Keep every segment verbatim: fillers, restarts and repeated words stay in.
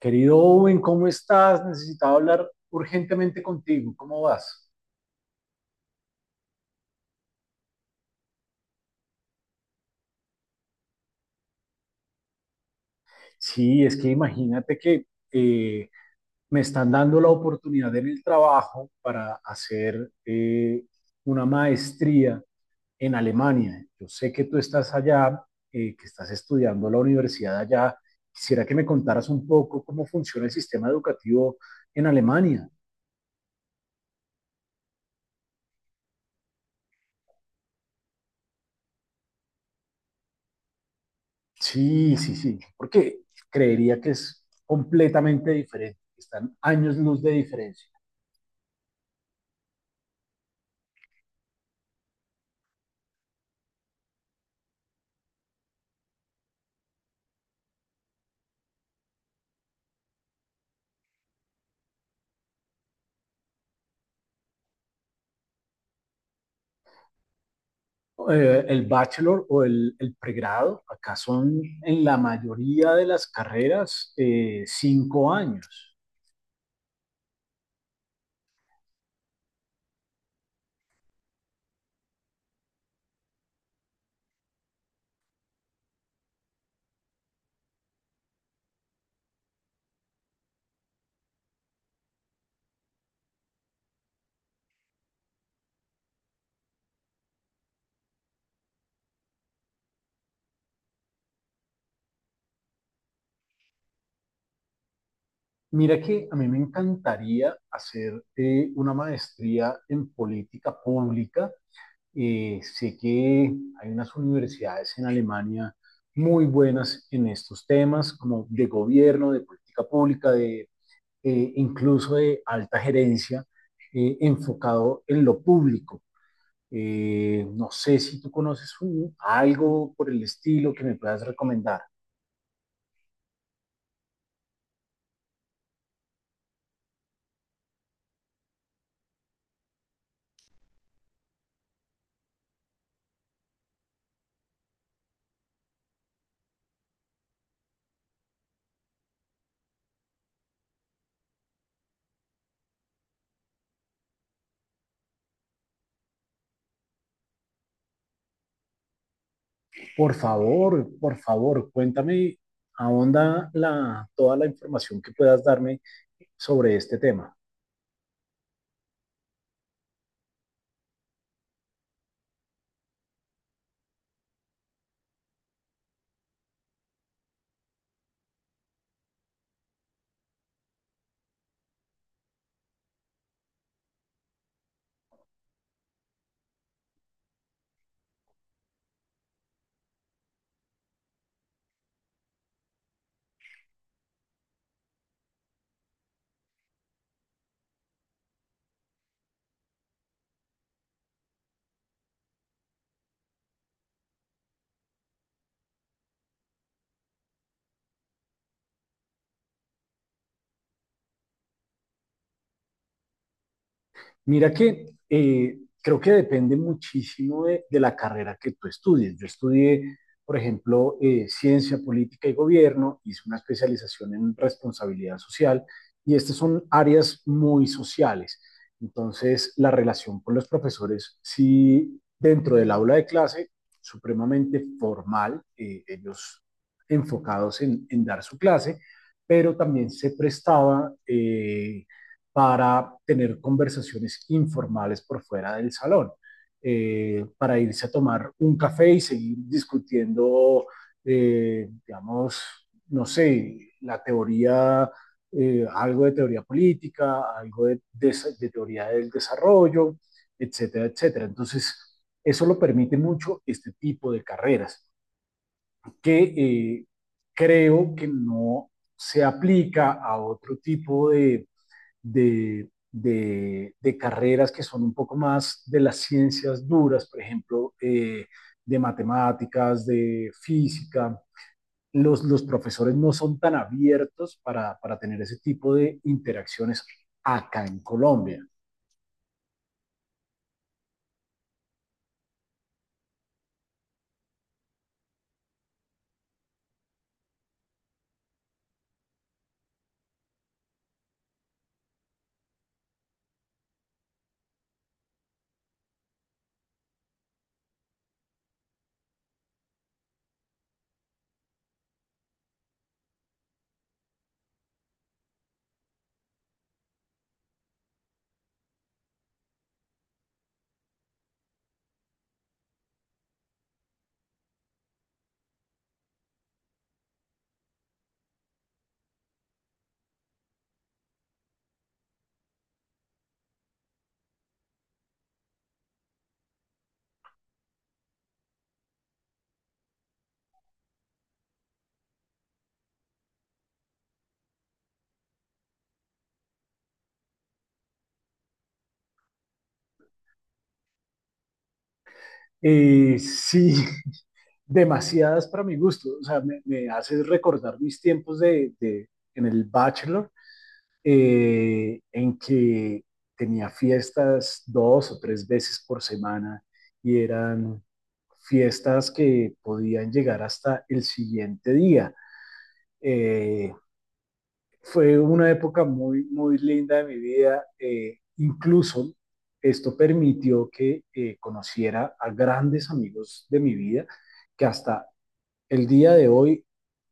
Querido Owen, ¿cómo estás? Necesitaba hablar urgentemente contigo. ¿Cómo vas? Sí, es que imagínate que eh, me están dando la oportunidad en el trabajo para hacer eh, una maestría en Alemania. Yo sé que tú estás allá, eh, que estás estudiando la universidad allá. Quisiera que me contaras un poco cómo funciona el sistema educativo en Alemania. Sí, sí, sí, porque creería que es completamente diferente, están años luz de diferencia. Eh, el bachelor o el, el, pregrado, acá son en la mayoría de las carreras eh, cinco años. Mira que a mí me encantaría hacer eh, una maestría en política pública. Eh, sé que hay unas universidades en Alemania muy buenas en estos temas, como de gobierno, de política pública, de eh, incluso de alta gerencia, eh, enfocado en lo público. Eh, no sé si tú conoces un- algo por el estilo que me puedas recomendar. Por favor, por favor, cuéntame, ahonda la, toda la información que puedas darme sobre este tema. Mira que eh, creo que depende muchísimo de, de la carrera que tú estudies. Yo estudié, por ejemplo, eh, ciencia política y gobierno, hice una especialización en responsabilidad social y estas son áreas muy sociales. Entonces, la relación con los profesores, sí, dentro del aula de clase, supremamente formal, eh, ellos enfocados en, en, dar su clase, pero también se prestaba eh, para tener conversaciones informales por fuera del salón, eh, para irse a tomar un café y seguir discutiendo, eh, digamos, no sé, la teoría, eh, algo de teoría política, algo de, de, de teoría del desarrollo, etcétera, etcétera. Entonces, eso lo permite mucho este tipo de carreras, que eh, creo que no se aplica a otro tipo de de, de, de carreras que son un poco más de las ciencias duras, por ejemplo, eh, de matemáticas, de física. Los, los profesores no son tan abiertos para, para tener ese tipo de interacciones acá en Colombia. Eh, sí, demasiadas para mi gusto. O sea, me, me hace recordar mis tiempos de, de, en el bachelor, eh, en que tenía fiestas dos o tres veces por semana y eran fiestas que podían llegar hasta el siguiente día. Eh, Fue una época muy, muy linda de mi vida. Eh, incluso esto permitió que eh, conociera a grandes amigos de mi vida que hasta el día de hoy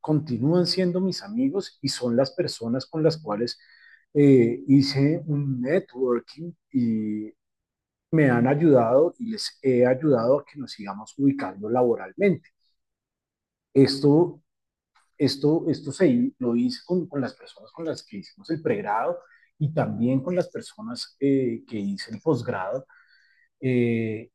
continúan siendo mis amigos y son las personas con las cuales eh, hice un networking y me han ayudado y les he ayudado a que nos sigamos ubicando laboralmente. Esto, esto, esto se, lo hice con, con las personas con las que hicimos el pregrado y también con las personas eh, que hice el posgrado. Eh,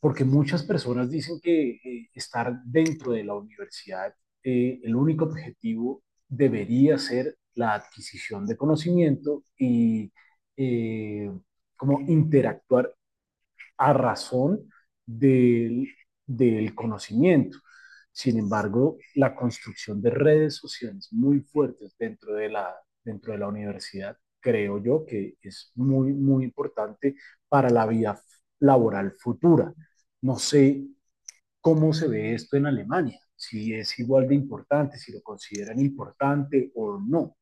Porque muchas personas dicen que eh, estar dentro de la universidad, eh, el único objetivo debería ser la adquisición de conocimiento y eh, como interactuar a razón del, del conocimiento. Sin embargo, la construcción de redes sociales muy fuertes dentro de la, dentro de la universidad, creo yo que es muy, muy importante para la vida laboral futura. No sé cómo se ve esto en Alemania, si es igual de importante, si lo consideran importante o no.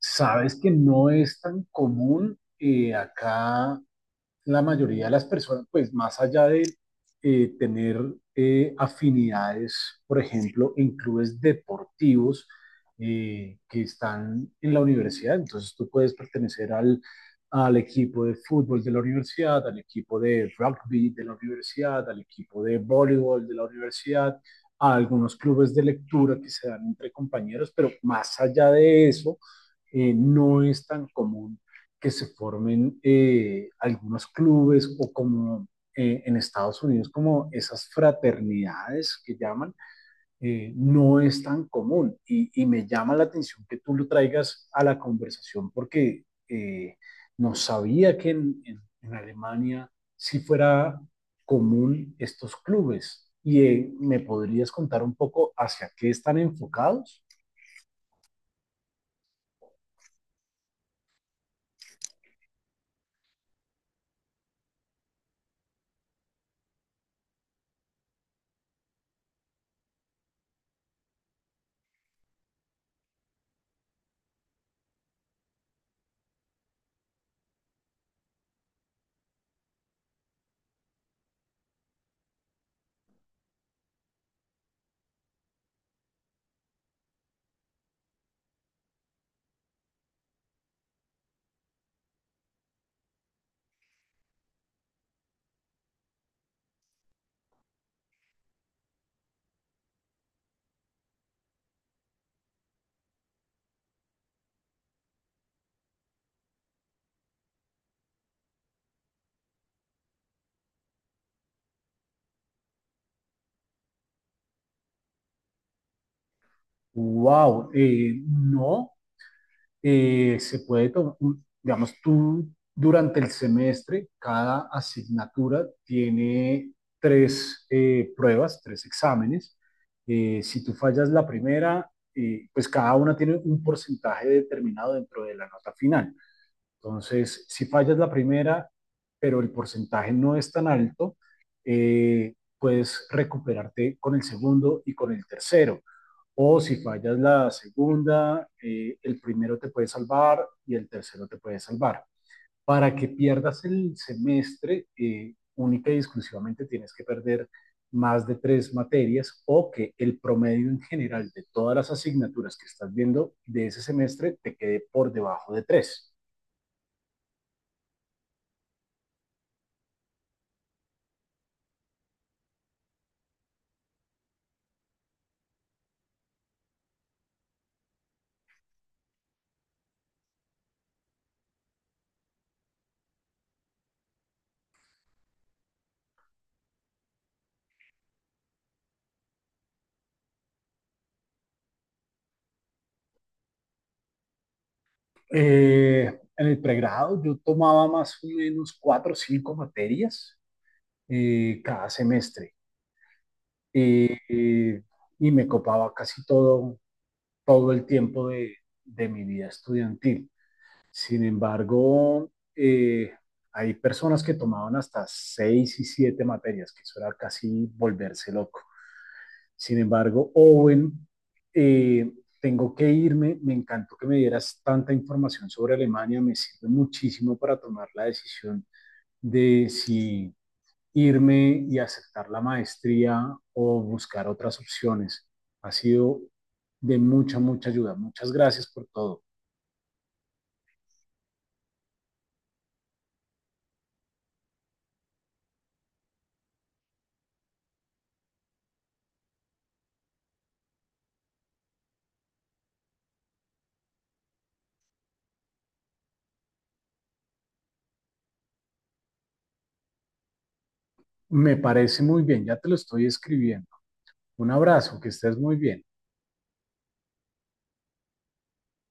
Sabes que no es tan común eh, acá la mayoría de las personas, pues más allá de eh, tener eh, afinidades, por ejemplo, en clubes deportivos eh, que están en la universidad, entonces tú puedes pertenecer al, al equipo de fútbol de la universidad, al equipo de rugby de la universidad, al equipo de voleibol de la universidad, a algunos clubes de lectura que se dan entre compañeros, pero más allá de eso, eh, no es tan común que se formen eh, algunos clubes o como eh, en Estados Unidos, como esas fraternidades que llaman, eh, no es tan común. Y, y, me llama la atención que tú lo traigas a la conversación porque eh, no sabía que en, en, en Alemania si fuera común estos clubes. ¿Y eh, me podrías contar un poco hacia qué están enfocados? ¡Wow! Eh, no, eh, se puede tomar, digamos, tú durante el semestre, cada asignatura tiene tres eh, pruebas, tres exámenes. Eh, si tú fallas la primera, eh, pues cada una tiene un porcentaje determinado dentro de la nota final. Entonces, si fallas la primera, pero el porcentaje no es tan alto, eh, puedes recuperarte con el segundo y con el tercero. O si fallas la segunda, eh, el primero te puede salvar y el tercero te puede salvar. Para que pierdas el semestre, eh, única y exclusivamente tienes que perder más de tres materias o que el promedio en general de todas las asignaturas que estás viendo de ese semestre te quede por debajo de tres. Eh, en el pregrado yo tomaba más o menos cuatro o cinco materias eh, cada semestre eh, eh, y me copaba casi todo todo el tiempo de, de mi vida estudiantil. Sin embargo, eh, hay personas que tomaban hasta seis y siete materias, que eso era casi volverse loco. Sin embargo, Owen, eh, tengo que irme, me encantó que me dieras tanta información sobre Alemania, me sirve muchísimo para tomar la decisión de si irme y aceptar la maestría o buscar otras opciones. Ha sido de mucha, mucha ayuda. Muchas gracias por todo. Me parece muy bien, ya te lo estoy escribiendo. Un abrazo, que estés muy bien.